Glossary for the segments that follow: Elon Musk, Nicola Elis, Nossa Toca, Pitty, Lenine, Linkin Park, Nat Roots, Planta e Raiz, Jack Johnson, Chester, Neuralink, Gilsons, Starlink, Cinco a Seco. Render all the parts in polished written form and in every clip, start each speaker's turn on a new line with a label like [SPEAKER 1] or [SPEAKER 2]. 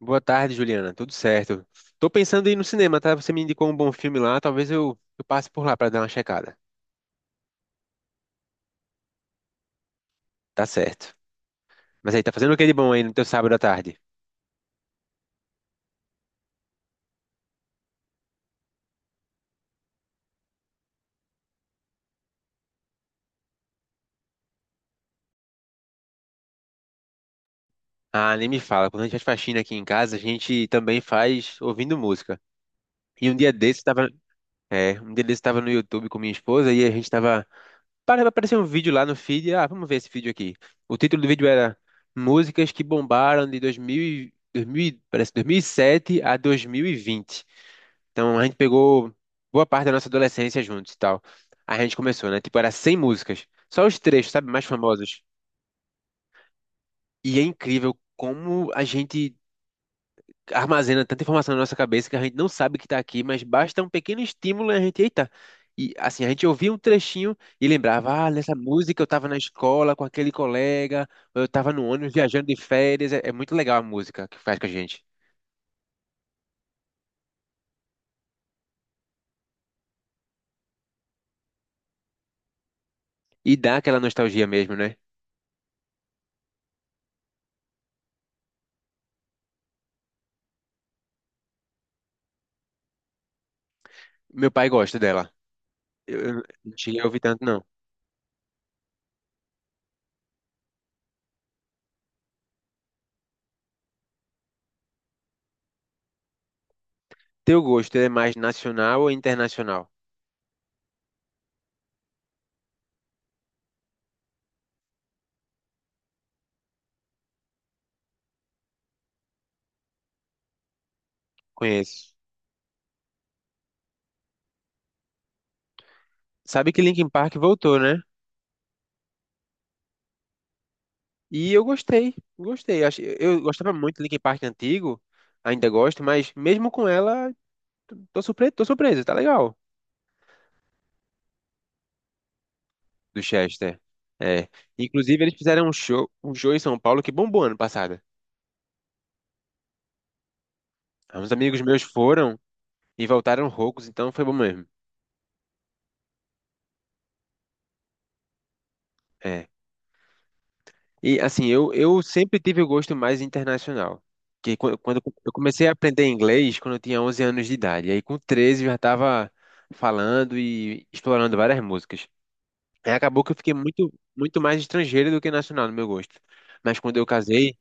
[SPEAKER 1] Boa tarde, Juliana. Tudo certo? Tô pensando em ir no cinema, tá? Você me indicou um bom filme lá, talvez eu passe por lá pra dar uma checada. Tá certo. Mas aí, tá fazendo o que de bom aí no teu sábado à tarde? Ah, nem me fala. Quando a gente faz faxina aqui em casa, a gente também faz ouvindo música. E um dia desse tava. É, um dia desse tava no YouTube com minha esposa e a gente tava. Para aparecer um vídeo lá no feed. Ah, vamos ver esse vídeo aqui. O título do vídeo era Músicas que bombaram de 2000, e- parece 2007 a 2020. Então a gente pegou boa parte da nossa adolescência juntos e tal. Aí a gente começou, né? Tipo, era 100 músicas. Só os trechos, sabe? Mais famosos. E é incrível como a gente armazena tanta informação na nossa cabeça que a gente não sabe que tá aqui, mas basta um pequeno estímulo e a gente, eita. E assim, a gente ouvia um trechinho e lembrava, ah, nessa música eu tava na escola com aquele colega, ou eu tava no ônibus viajando de férias. É, é muito legal a música que faz com a gente. E dá aquela nostalgia mesmo, né? Meu pai gosta dela. Eu não cheguei a ouvir tanto, não. Teu gosto, ele é mais nacional ou internacional? Conheço. Sabe que Linkin Park voltou, né? E eu gostei, gostei. Acho- Eu gostava muito de Linkin Park antigo, ainda gosto, mas mesmo com ela, tô surpreso, tá legal. Do Chester. É. Inclusive, eles fizeram um show em São Paulo que bombou ano passado. Uns amigos meus foram e voltaram roucos, então foi bom mesmo. É. E assim, eu sempre tive o gosto mais internacional. Que quan- quando eu comecei a aprender inglês, quando eu tinha 11 anos de idade, e aí com 13 eu já estava falando e explorando várias músicas. Aí acabou que eu fiquei muito, muito mais estrangeiro do que nacional no meu gosto. Mas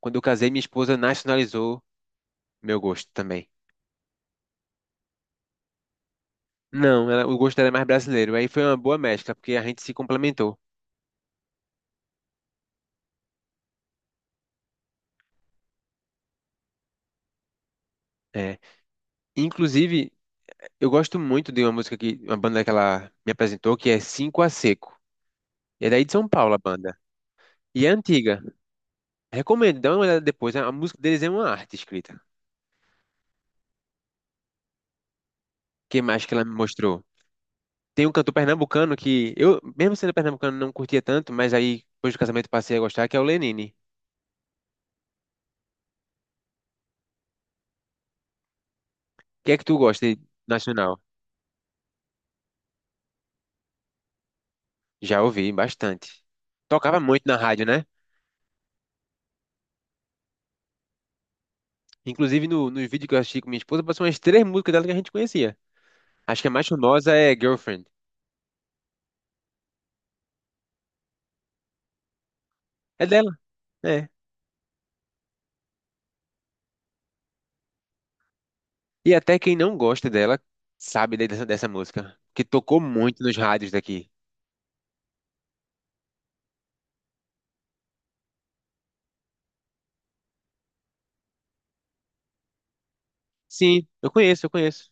[SPEAKER 1] quando eu casei, minha esposa nacionalizou meu gosto também. Não, ela- o gosto dela é mais brasileiro. Aí foi uma boa mescla, porque a gente se complementou. É. Inclusive, eu gosto muito de uma música que uma banda que ela me apresentou, que é Cinco a Seco. É daí de São Paulo a banda. E é antiga. Recomendo, dá uma olhada depois. A música deles é uma arte escrita. Que mais que ela me mostrou? Tem um cantor pernambucano que eu, mesmo sendo pernambucano, não curtia tanto, mas aí depois do casamento passei a gostar, que é o Lenine. O que é que tu gosta de nacional? Já ouvi bastante. Tocava muito na rádio, né? Inclusive no, nos vídeos que eu assisti com minha esposa, passou umas três músicas dela que a gente conhecia. Acho que a mais famosa é Girlfriend. É dela. É. E até quem não gosta dela sabe dessa, dessa música, que tocou muito nos rádios daqui. Sim, eu conheço, eu conheço.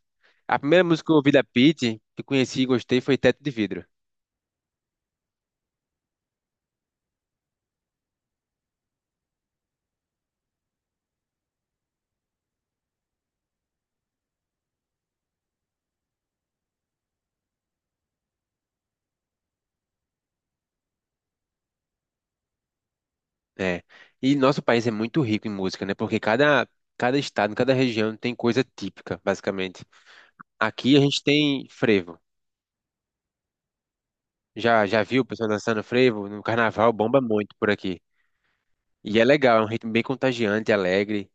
[SPEAKER 1] A primeira música que eu ouvi da Pitty, que eu conheci e gostei, foi Teto de Vidro. É. E nosso país é muito rico em música, né? Porque cada, cada estado, cada região tem coisa típica, basicamente. Aqui a gente tem frevo. Já, já viu o pessoal dançando frevo? No carnaval bomba muito por aqui. E é legal, é um ritmo bem contagiante, alegre.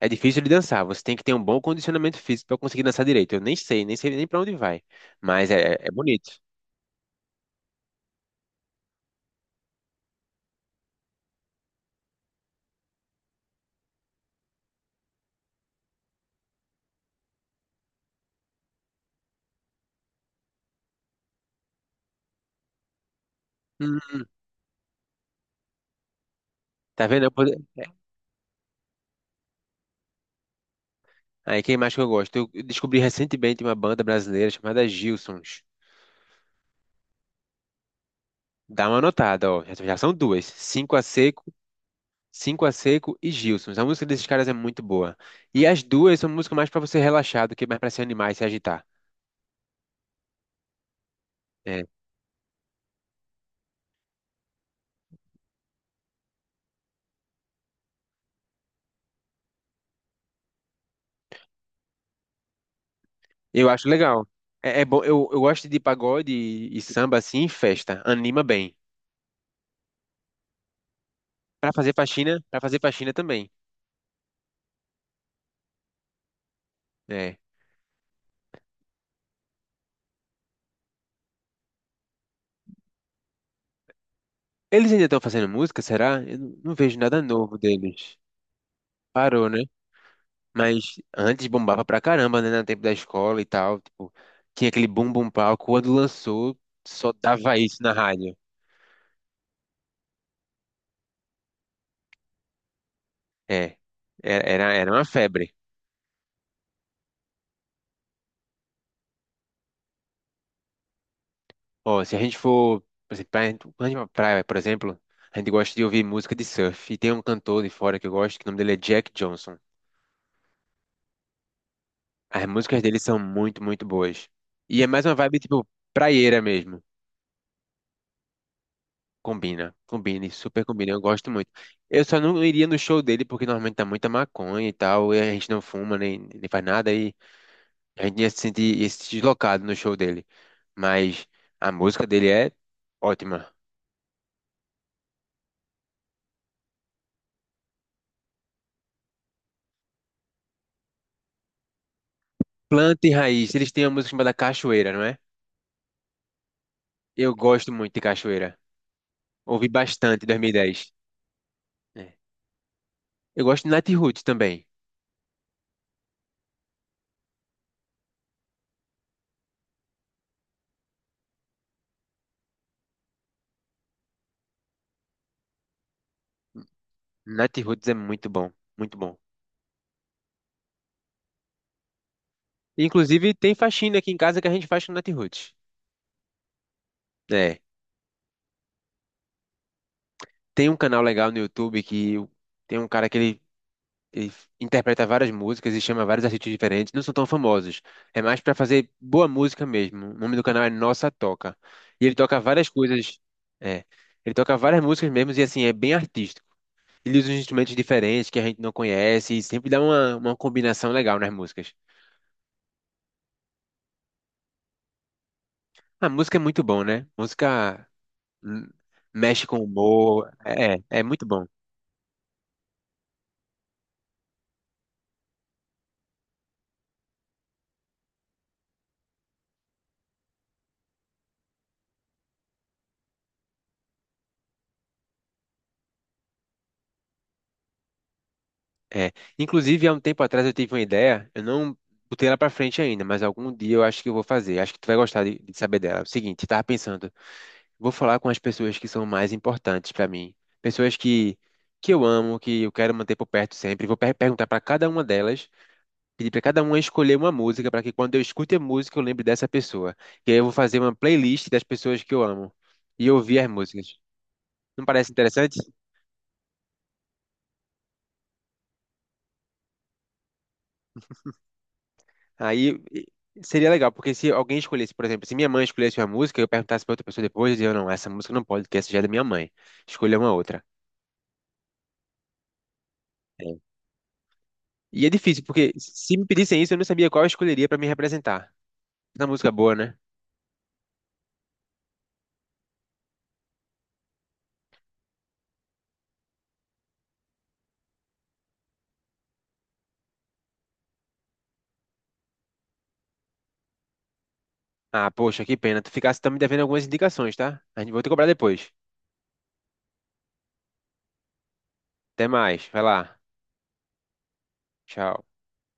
[SPEAKER 1] É difícil de dançar, você tem que ter um bom condicionamento físico para conseguir dançar direito. Eu nem sei, nem sei nem para onde vai, mas é, é bonito. Hum, tá vendo? Eu pod- Aí quem mais que eu gosto? Eu descobri recentemente uma banda brasileira chamada Gilsons. Dá uma notada, ó. Já, já são duas. Cinco a Seco e Gilsons. A música desses caras é muito boa. E as duas são músicas mais pra você relaxar do que mais pra se animar e se agitar. É, eu acho legal. É, é bom. Eu gosto de pagode e samba assim em festa. Anima bem. Pra fazer faxina, para fazer faxina também. É. Eles ainda estão fazendo música, será? Eu não vejo nada novo deles. Parou, né? Mas antes bombava pra caramba, né? No tempo da escola e tal. Tipo, tinha aquele bum bum palco. Quando lançou, só dava isso na rádio. É. Era, era uma febre. Ó, se a gente for, por exemplo, pra, quando a gente vai pra praia, por exemplo, a gente gosta de ouvir música de surf. E tem um cantor de fora que eu gosto, que o nome dele é Jack Johnson. As músicas dele são muito, muito boas. E é mais uma vibe, tipo, praieira mesmo. Combina, combina, e super combina, eu gosto muito. Eu só não iria no show dele porque normalmente tá muita maconha e tal, e a gente não fuma nem, nem faz nada e a gente ia se sentir deslocado no show dele. Mas a música dele é ótima. Planta e Raiz, eles têm uma música chamada Cachoeira, não é? Eu gosto muito de Cachoeira. Ouvi bastante em 2010. É. Eu gosto de Nat Roots também. Nat Roots é muito bom, muito bom. Inclusive tem faxina aqui em casa que a gente faz com Nat Roots. É. Tem um canal legal no YouTube que o- tem um cara que ele interpreta várias músicas e chama vários artistas diferentes. Não são tão famosos. É mais pra fazer boa música mesmo. O nome do canal é Nossa Toca. E ele toca várias coisas. É. Ele toca várias músicas mesmo e assim, é bem artístico. Ele usa uns instrumentos diferentes que a gente não conhece e sempre dá uma combinação legal nas músicas. A música é muito bom, né? Música hum, mexe com o humor. É, é muito bom. É, inclusive, há um tempo atrás eu tive uma ideia, eu não botei ela pra frente ainda, mas algum dia eu acho que eu vou fazer. Acho que tu vai gostar de saber dela. É o seguinte, eu tava pensando, vou falar com as pessoas que são mais importantes pra mim, pessoas que eu amo, que eu quero manter por perto sempre. Vou per- perguntar pra cada uma delas, pedir pra cada uma escolher uma música pra que quando eu escute a música eu lembre dessa pessoa. E aí eu vou fazer uma playlist das pessoas que eu amo e ouvir as músicas. Não parece interessante? Aí e- seria legal, porque se alguém escolhesse, por exemplo, se minha mãe escolhesse uma música, eu perguntasse pra outra pessoa depois, eu dizia, não, essa música não pode, porque essa já é da minha mãe. Escolha uma outra. É. E é difícil, porque se me pedissem isso, eu não sabia qual eu escolheria pra me representar. Na música é boa, né? Ah, poxa, que pena. Tu ficasse, tá me devendo algumas indicações, tá? A gente vou te cobrar depois. Até mais. Vai lá. Tchau.